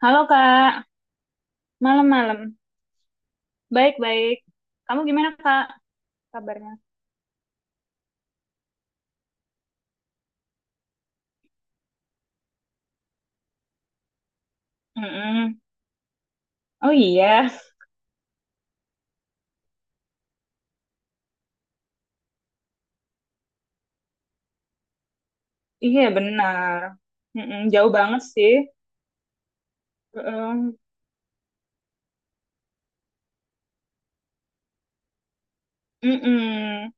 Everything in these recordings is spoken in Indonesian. Halo Kak, malam-malam. Baik-baik. Kamu gimana Kak kabarnya? Mm-mm. Oh iya, iya benar. Mm-mm, jauh banget sih. Mm-mm. Mm-mm.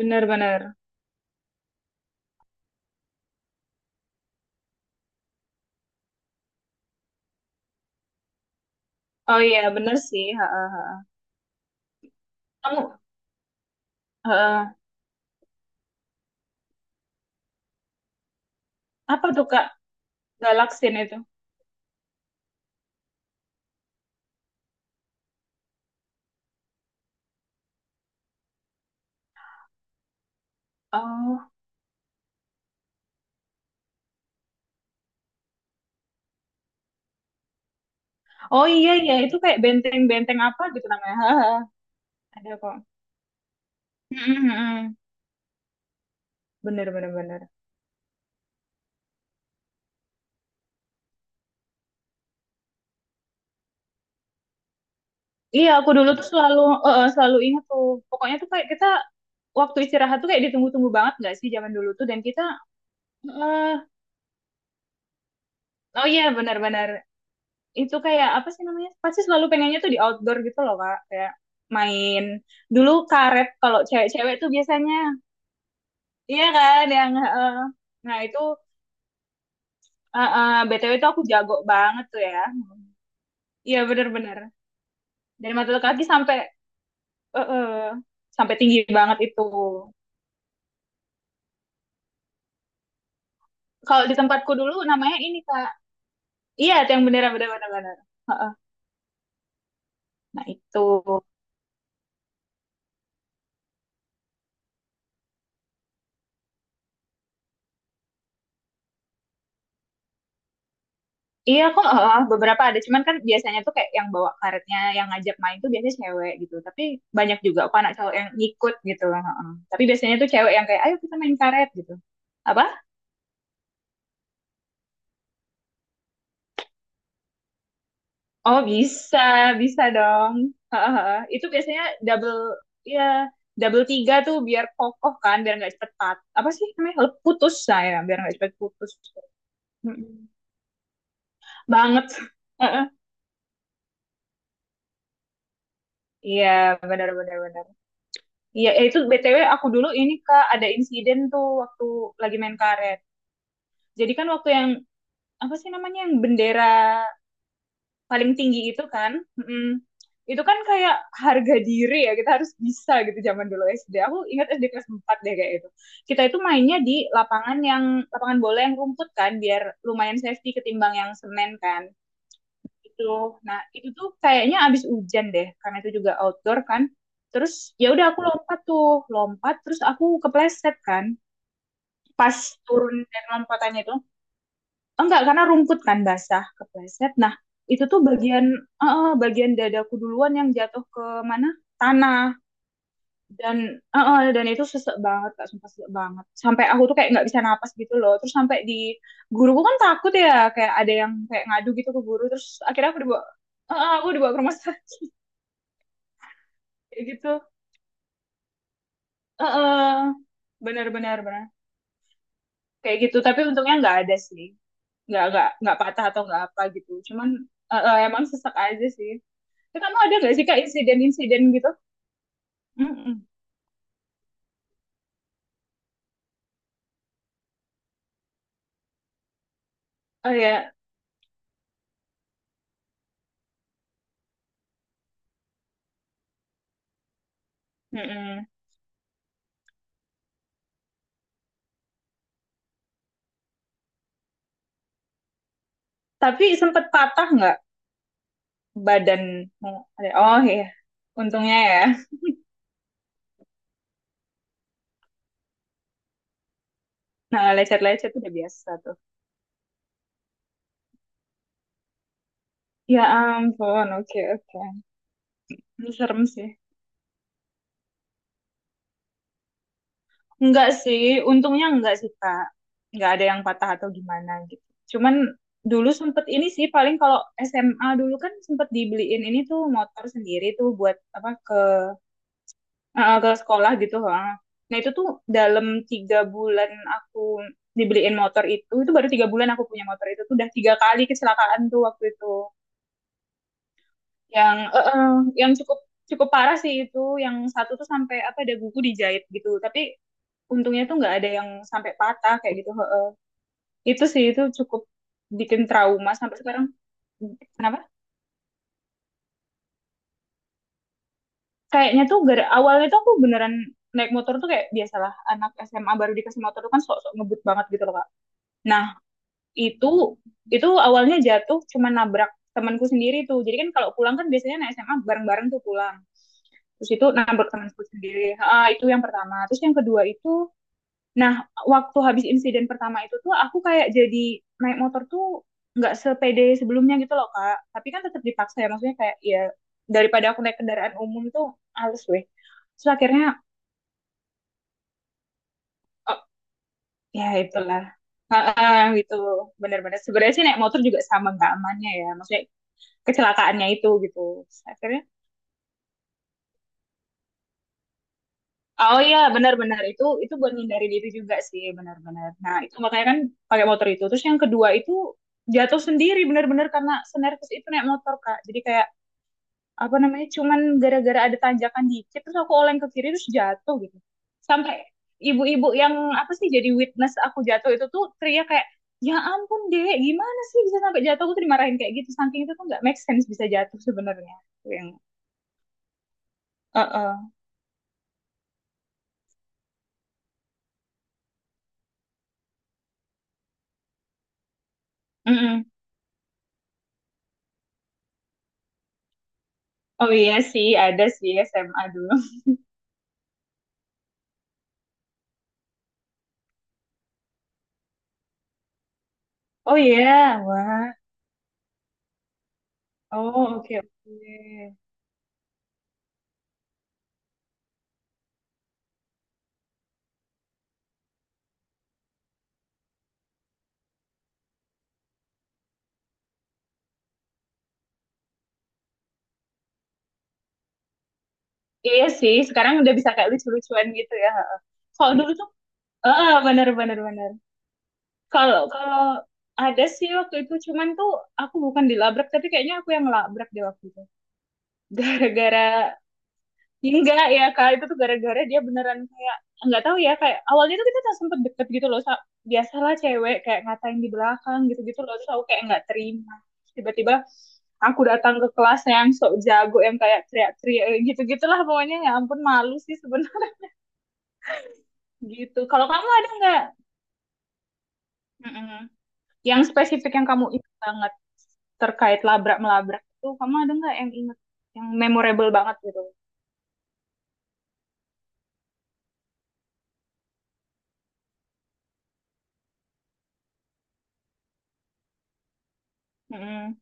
Benar-benar. Oh iya, benar sih. Ha, ha, ha. Kamu ha, ha. Apa tuh Kak, Galaksin itu? Oh, oh iya iya, itu kayak benteng-benteng apa gitu namanya. Ha, ha. Ada kok. Mm-mm, mm-mm. Benar-benar benar. Iya, aku dulu tuh selalu selalu ingat tuh. Pokoknya tuh kayak kita waktu istirahat tuh kayak ditunggu-tunggu banget gak sih zaman dulu tuh, dan kita eh oh iya benar-benar, itu kayak apa sih namanya? Pasti selalu pengennya tuh di outdoor gitu loh, Kak. Kayak main dulu karet kalau cewek-cewek tuh biasanya. Iya kan yang eh, nah itu, BTW tuh aku jago banget tuh ya. Iya benar-benar. Dari mata ke kaki sampai eh, eh, sampai tinggi banget itu. Kalau di tempatku dulu namanya ini Kak. Iya, itu yang beneran bener bener bener. Heeh. Nah itu, iya kok heeh, beberapa ada, cuman kan biasanya tuh kayak yang bawa karetnya, yang ngajak main tuh biasanya cewek gitu. Tapi banyak juga kok anak cowok yang ngikut gitu. Heeh. Tapi biasanya tuh cewek yang kayak, ayo kita main karet gitu. Apa? Oh bisa, bisa dong. Heeh, heeh. Itu biasanya double, ya double tiga tuh biar kokoh kan, biar nggak cepet pat. Apa sih namanya? Lep- putus saya, biar nggak cepet putus. Mm-mm. Banget. Heeh. Iya, benar-benar benar. Iya, eh, itu BTW aku dulu ini Kak ada insiden tuh waktu lagi main karet. Jadi kan waktu yang apa sih namanya yang bendera paling tinggi itu kan, mm, itu kan kayak harga diri ya, kita harus bisa gitu zaman dulu SD. Aku ingat SD kelas 4 deh kayak itu. Kita itu mainnya di lapangan yang lapangan bola yang rumput kan biar lumayan safety ketimbang yang semen kan itu. Nah, itu tuh kayaknya abis hujan deh, karena itu juga outdoor kan. Terus ya udah aku lompat tuh, lompat terus aku kepleset kan. Pas turun dari lompatannya itu, enggak karena rumput kan basah, kepleset. Nah, itu tuh bagian bagian dadaku duluan yang jatuh ke mana? Tanah. Dan dan itu sesek banget, Kak, sumpah sesek banget. Sampai aku tuh kayak nggak bisa napas gitu loh. Terus sampai di guruku kan takut ya, kayak ada yang kayak ngadu gitu ke guru. Terus akhirnya aku dibawa aku dibawa ke rumah sakit. Kayak gitu. Heeh. Benar-benar benar, kayak gitu. Tapi untungnya nggak ada sih, nggak nggak patah atau nggak apa gitu, cuman emang sesek aja sih. Tapi kamu ada nggak sih kak insiden-insiden gitu? Mm-mm. Oh ya. Mm-mm. Tapi sempet patah nggak badanmu? Ada- oh iya, untungnya ya. Nah lecet-lecet udah biasa tuh. Ya ampun, oke oke. Ini serem sih. Enggak sih, untungnya enggak sih Kak. Enggak ada yang patah atau gimana gitu. Cuman dulu sempet ini sih paling kalau SMA dulu kan sempet dibeliin ini tuh motor sendiri tuh buat apa ke ke sekolah gitu. Ha. Nah itu tuh dalam tiga bulan aku dibeliin motor itu baru 3 bulan aku punya motor itu tuh udah 3 kali kecelakaan tuh waktu itu. Yang yang cukup cukup parah sih itu, yang satu tuh sampai apa ada buku dijahit gitu. Tapi untungnya tuh nggak ada yang sampai patah kayak gitu. Heeh. Itu sih itu cukup bikin trauma sampai sekarang. Kenapa? Kayaknya tuh gara awalnya tuh aku beneran naik motor tuh kayak biasalah anak SMA baru dikasih motor tuh kan sok-sok ngebut banget gitu loh Kak. Nah, itu itu awalnya jatuh cuma nabrak temanku sendiri tuh. Jadi kan kalau pulang kan biasanya naik SMA bareng-bareng tuh pulang. Terus itu nabrak temanku sendiri. Ah, itu yang pertama. Terus yang kedua itu, nah, waktu habis insiden pertama itu tuh aku kayak jadi naik motor tuh nggak sepede sebelumnya gitu loh, Kak. Tapi kan tetap dipaksa ya, maksudnya kayak ya daripada aku naik kendaraan umum tuh halus weh. Terus akhirnya oh, ya itulah. Ah gitu. Bener-bener. Sebenarnya sih naik motor juga sama nggak amannya ya, maksudnya kecelakaannya itu gitu. Terus akhirnya oh iya, benar-benar, itu buat ngindari diri juga sih, benar-benar. Nah, itu makanya kan pakai motor itu. Terus yang kedua itu jatuh sendiri benar-benar karena senervis itu naik motor, Kak. Jadi kayak apa namanya? Cuman gara-gara ada tanjakan dikit terus aku oleng ke kiri terus jatuh gitu. Sampai ibu-ibu yang apa sih jadi witness aku jatuh itu tuh teriak kayak, "Ya ampun, Dek, gimana sih bisa sampai jatuh?" Aku tuh dimarahin kayak gitu. Saking itu tuh nggak make sense bisa jatuh sebenarnya. Yang uh Oh iya sih, ada sih SMA dulu. Oh iya, wah. Oh oke oke. Iya sih, sekarang udah bisa kayak lucu-lucuan gitu ya. Heeh. Kalau dulu tuh, heeh, bener bener bener. Kalau kalau ada sih waktu itu, cuman tuh aku bukan dilabrak, tapi kayaknya aku yang labrak di waktu itu. Gara-gara enggak ya kak, itu tuh gara-gara dia beneran kayak nggak tahu ya, kayak awalnya tuh kita sempet deket gitu loh. Sa- biasalah cewek kayak ngatain di belakang gitu-gitu loh, terus aku kayak nggak terima, tiba-tiba aku datang ke kelasnya yang sok jago yang kayak teriak-teriak gitu-gitulah pokoknya, ya ampun malu sih sebenarnya. Gitu, kalau kamu ada nggak Mm-mm. yang spesifik yang kamu ingat banget terkait labrak melabrak itu, kamu ada nggak yang ingat yang memorable banget gitu? Mm-mm.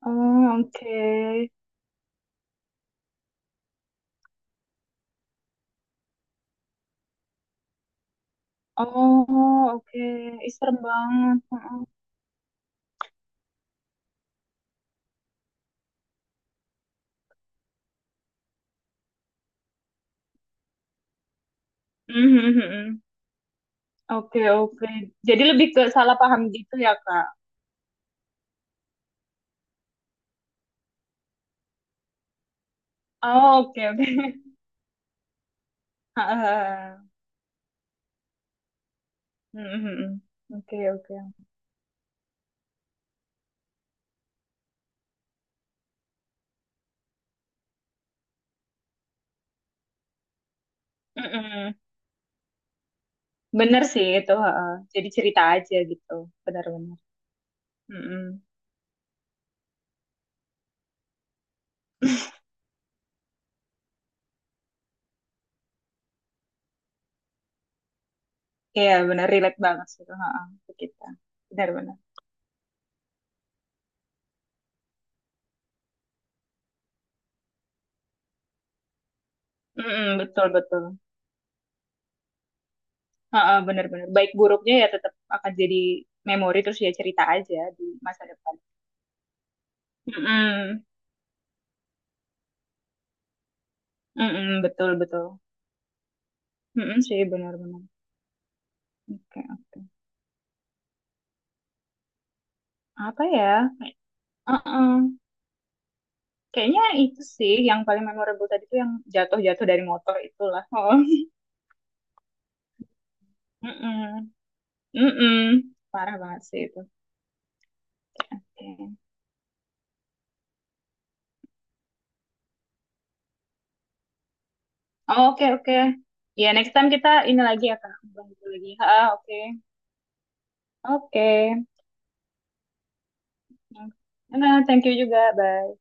Oh, oke. Oh, oke. Ih, serem banget. Heeh. Mhm. Mhm. Oke, oke. Jadi lebih ke salah paham gitu ya, Kak? Oh, oke, oke. Ha ha. Hahaha. Mhm. Mhm. Oke, oke. Mm-mm. Bener sih itu. Heeh. Jadi cerita aja gitu. Benar-benar. Mhm. Iya, benar. Relate banget sih itu. Ha ha, ke kita. Benar-benar. Mm-mm, betul, betul. Heeh, benar-benar. Baik buruknya ya tetap akan jadi memori terus ya, cerita aja di masa depan. Mm-mm. Mm-mm, betul betul. Mm-mm, sih benar-benar. Oke oke. Apa ya? Kayak- uh-uh. Kayaknya itu sih yang paling memorable tadi tuh yang jatuh-jatuh dari motor itulah. Oh. Mm-mm. Mm-mm. Parah banget sih itu. Oke. Oh, oke oke. Ya next time kita ini lagi ya Kak. Ngobrol gitu lagi. Ah oke. Oke. Nah, thank you juga. Bye.